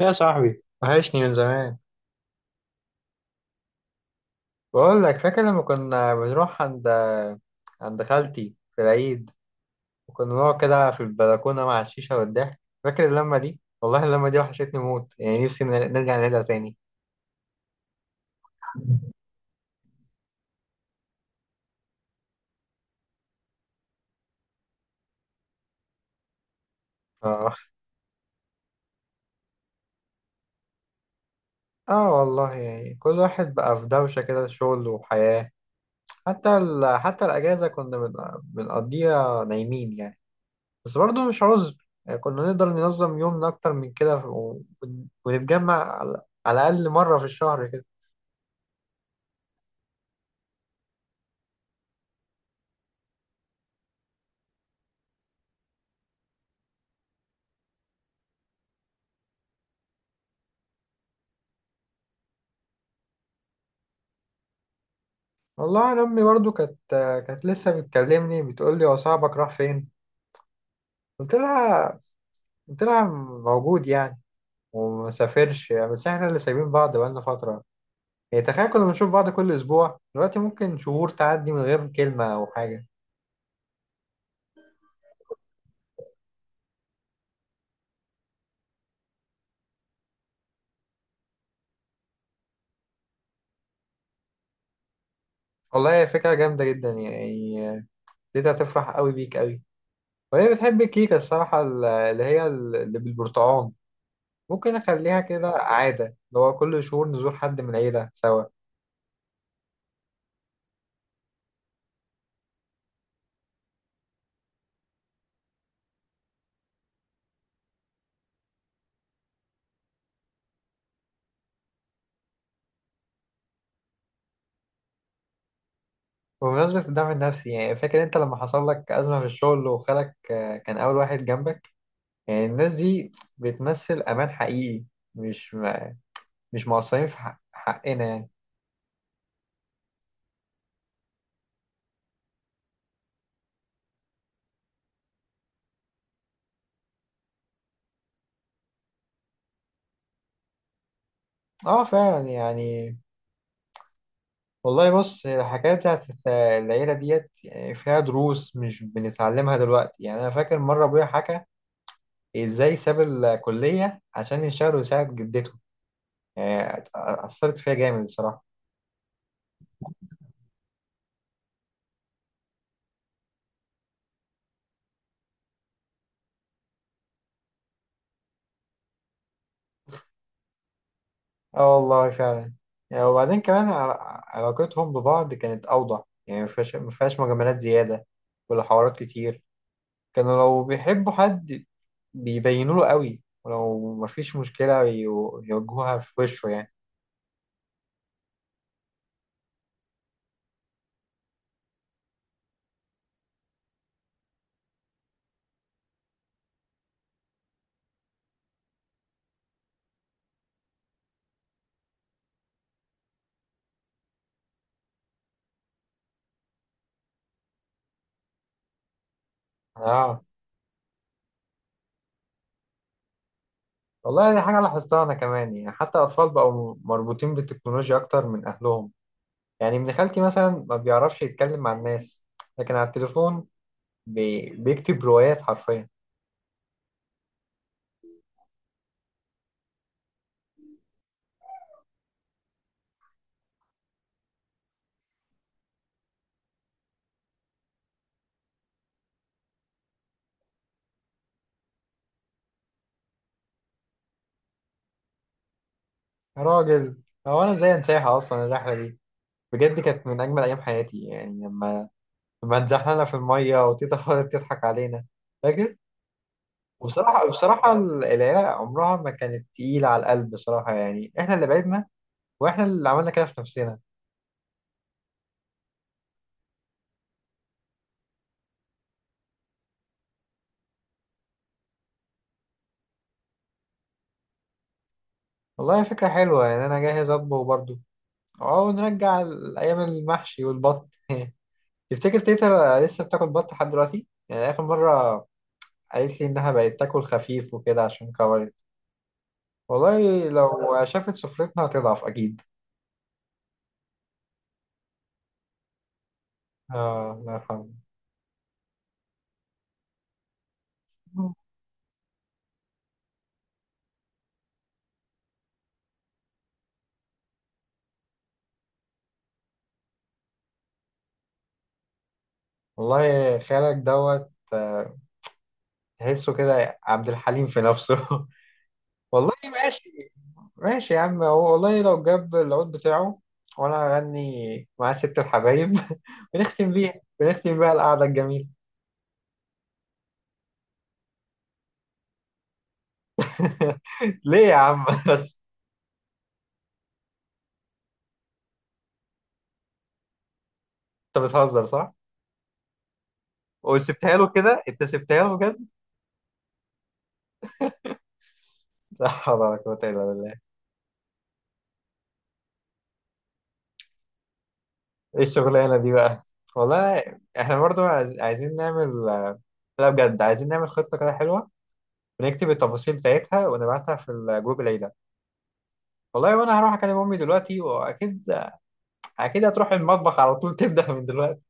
يا صاحبي وحشني من زمان. بقول لك فاكر لما كنا بنروح عند خالتي في العيد، وكنا بنقعد كده في البلكونة مع الشيشة والضحك. فاكر اللمة دي؟ والله اللمة دي وحشتني موت، يعني نفسي نرجع نعيدها تاني. اه. اه والله، يعني كل واحد بقى في دوشة كده، شغل وحياة. حتى الأجازة كنا بنقضيها نايمين يعني. بس برضه مش عذر، يعني كنا نقدر ننظم يومنا أكتر من كده ونتجمع على الأقل مرة في الشهر كده. والله انا امي برضو كانت، كانت لسه بتكلمني بتقول لي هو صاحبك راح فين؟ قلت لها قلت لها موجود يعني، ومسافرش، بس احنا اللي سايبين بعض بقالنا فتره. يعني تخيل، كنا بنشوف بعض كل اسبوع، دلوقتي ممكن شهور تعدي من غير كلمه او حاجه. والله هي فكره جامده جدا يعني، دي هتفرح قوي بيك قوي، وهي بتحب الكيكه الصراحه، اللي هي اللي بالبرتقال. ممكن اخليها كده عاده، اللي هو كل شهور نزور حد من العيله سوا. بمناسبة الدعم النفسي، يعني فاكر انت لما حصل لك أزمة في الشغل وخالك آه، كان أول واحد جنبك؟ يعني الناس دي بتمثل أمان حقيقي، مش م- مش مقصرين في حق حقنا يعني. اه فعلا يعني. والله بص، الحكاية بتاعت العيلة ديت يعني فيها دروس مش بنتعلمها دلوقتي. يعني أنا فاكر مرة أبويا حكى إزاي ساب الكلية عشان يشتغل ويساعد جدته، يعني أثرت فيها جامد الصراحة. اه والله فعلا. يعني وبعدين كمان علاقتهم ببعض كانت أوضح، يعني مفيهاش مجاملات زيادة ولا حوارات كتير. كانوا لو بيحبوا حد بيبينوا له قوي، ولو مفيش مشكلة يواجهوها في وشه يعني. اه والله دي حاجة لاحظتها أنا كمان، يعني حتى الأطفال بقوا مربوطين بالتكنولوجيا أكتر من أهلهم. يعني ابن خالتي مثلا ما بيعرفش يتكلم مع الناس، لكن على التليفون بيكتب روايات حرفيا. يا راجل، هو أنا إزاي أنساها أصلا الرحلة دي؟ بجد كانت من أجمل أيام حياتي، يعني لما اتزحلقنا في المية وتيتا فضلت تضحك علينا. فاكر؟ بصراحة العيلة عمرها ما كانت تقيلة على القلب بصراحة، يعني إحنا اللي بعدنا، وإحنا اللي عملنا كده في نفسنا. والله فكرة حلوة، يعني أنا جاهز أطبخ برضه، أو نرجع أيام المحشي والبط. تفتكر تيتا لسه بتاكل بط لحد دلوقتي؟ يعني آخر مرة قالت لي إنها بقت تاكل خفيف وكده عشان كبرت. والله لو شافت سفرتنا هتضعف أكيد. آه الله يرحمه. والله خالك دوت آه، تحسه كده عبد الحليم في نفسه. والله ماشي. ماشي يا عم، هو والله لو جاب العود بتاعه وانا هغني مع ست الحبايب بنختم بيها القعدة الجميلة. ليه يا عم؟ بس. انت بتهزر صح؟ وسبتها له كده؟ انت سبتها له بجد؟ لا حول ولا قوة الا بالله. ايه الشغلانة دي بقى؟ والله احنا برضو عايزين نعمل، لا بجد عايزين نعمل خطة كده حلوة، بنكتب التفاصيل بتاعتها ونبعتها في الجروب العيلة. والله وانا هروح اكلم امي دلوقتي، اكيد هتروح المطبخ على طول، تبدأ من دلوقتي.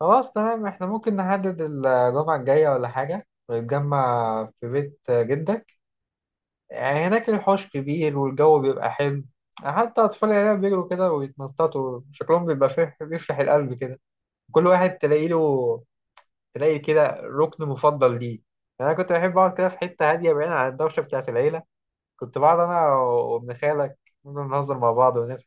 خلاص تمام، احنا ممكن نحدد الجمعة الجاية ولا حاجة ونتجمع في بيت جدك. يعني هناك الحوش كبير والجو بيبقى حلو، حتى أطفال العيلة بيجروا كده ويتنططوا شكلهم بيبقى فيه بيفرح القلب كده. كل واحد تلاقي له تلاقي كده ركن مفضل ليه. يعني أنا كنت بحب أقعد كده في حتة هادية بعيد عن الدوشة بتاعة العيلة، كنت بقعد انا وابن خالك نفضل نهزر مع بعض ونضحك.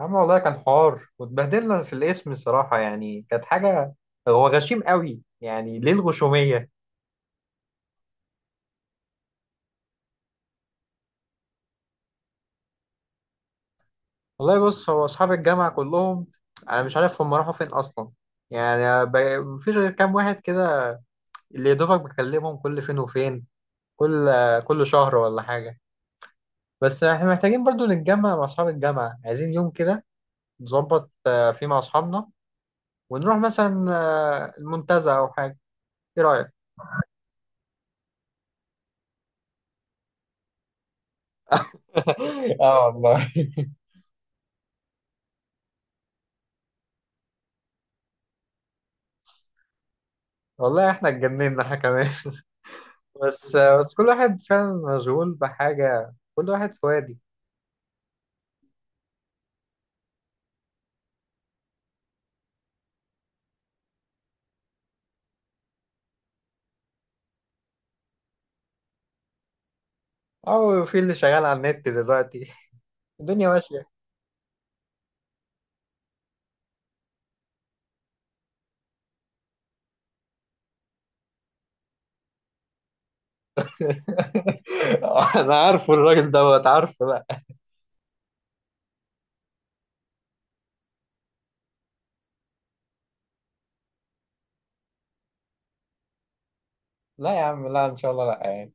يا عم والله كان حوار، واتبهدلنا في الاسم الصراحه، يعني كانت حاجه. هو غشيم قوي، يعني ليه الغشوميه؟ والله بص، هو اصحاب الجامعه كلهم انا مش عارف هم راحوا فين اصلا. يعني مفيش غير كام واحد كده اللي يا دوبك بكلمهم كل فين وفين، كل كل شهر ولا حاجه. بس احنا محتاجين برضو نتجمع مع اصحاب الجامعه، عايزين يوم كده نظبط آه، فيه مع اصحابنا، ونروح مثلا آه، المنتزه او حاجه. ايه رايك؟ اه والله. والله احنا اتجننا احنا كمان، بس كل واحد فعلا مشغول بحاجة، كل واحد في وادي. او في اللي شغال على النت دلوقتي، الدنيا ماشية. انا عارفه الراجل دوت عارفه. لا. لا يا عم، لا ان شاء الله لا يعني.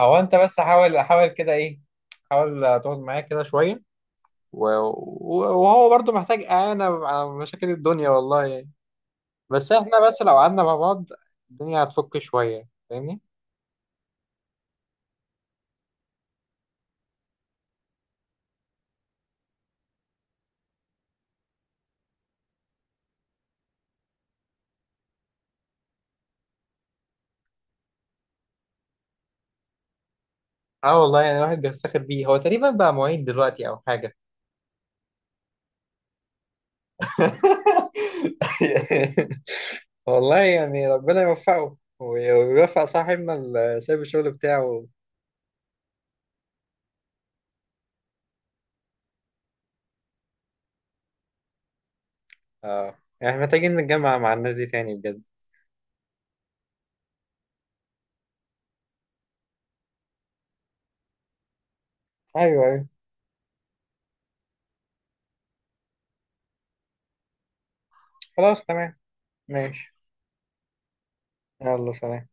هو انت بس حاول كده ايه، حاول تقعد معايا كده شوية، وهو برضو محتاج اعانة على مشاكل الدنيا والله يعني، بس احنا لو قعدنا مع بعض الدنيا هتفك شوية. فاهمني؟ اه والله، يعني الواحد بيفتخر بيه. هو تقريبا بقى معيد دلوقتي او حاجه؟ والله يعني ربنا يوفقه ويوفق صاحبنا اللي سايب الشغل بتاعه. اه يعني محتاجين نتجمع مع الناس دي تاني بجد. ايوه ايوه. خلاص تمام. ماشي. يلا سلام.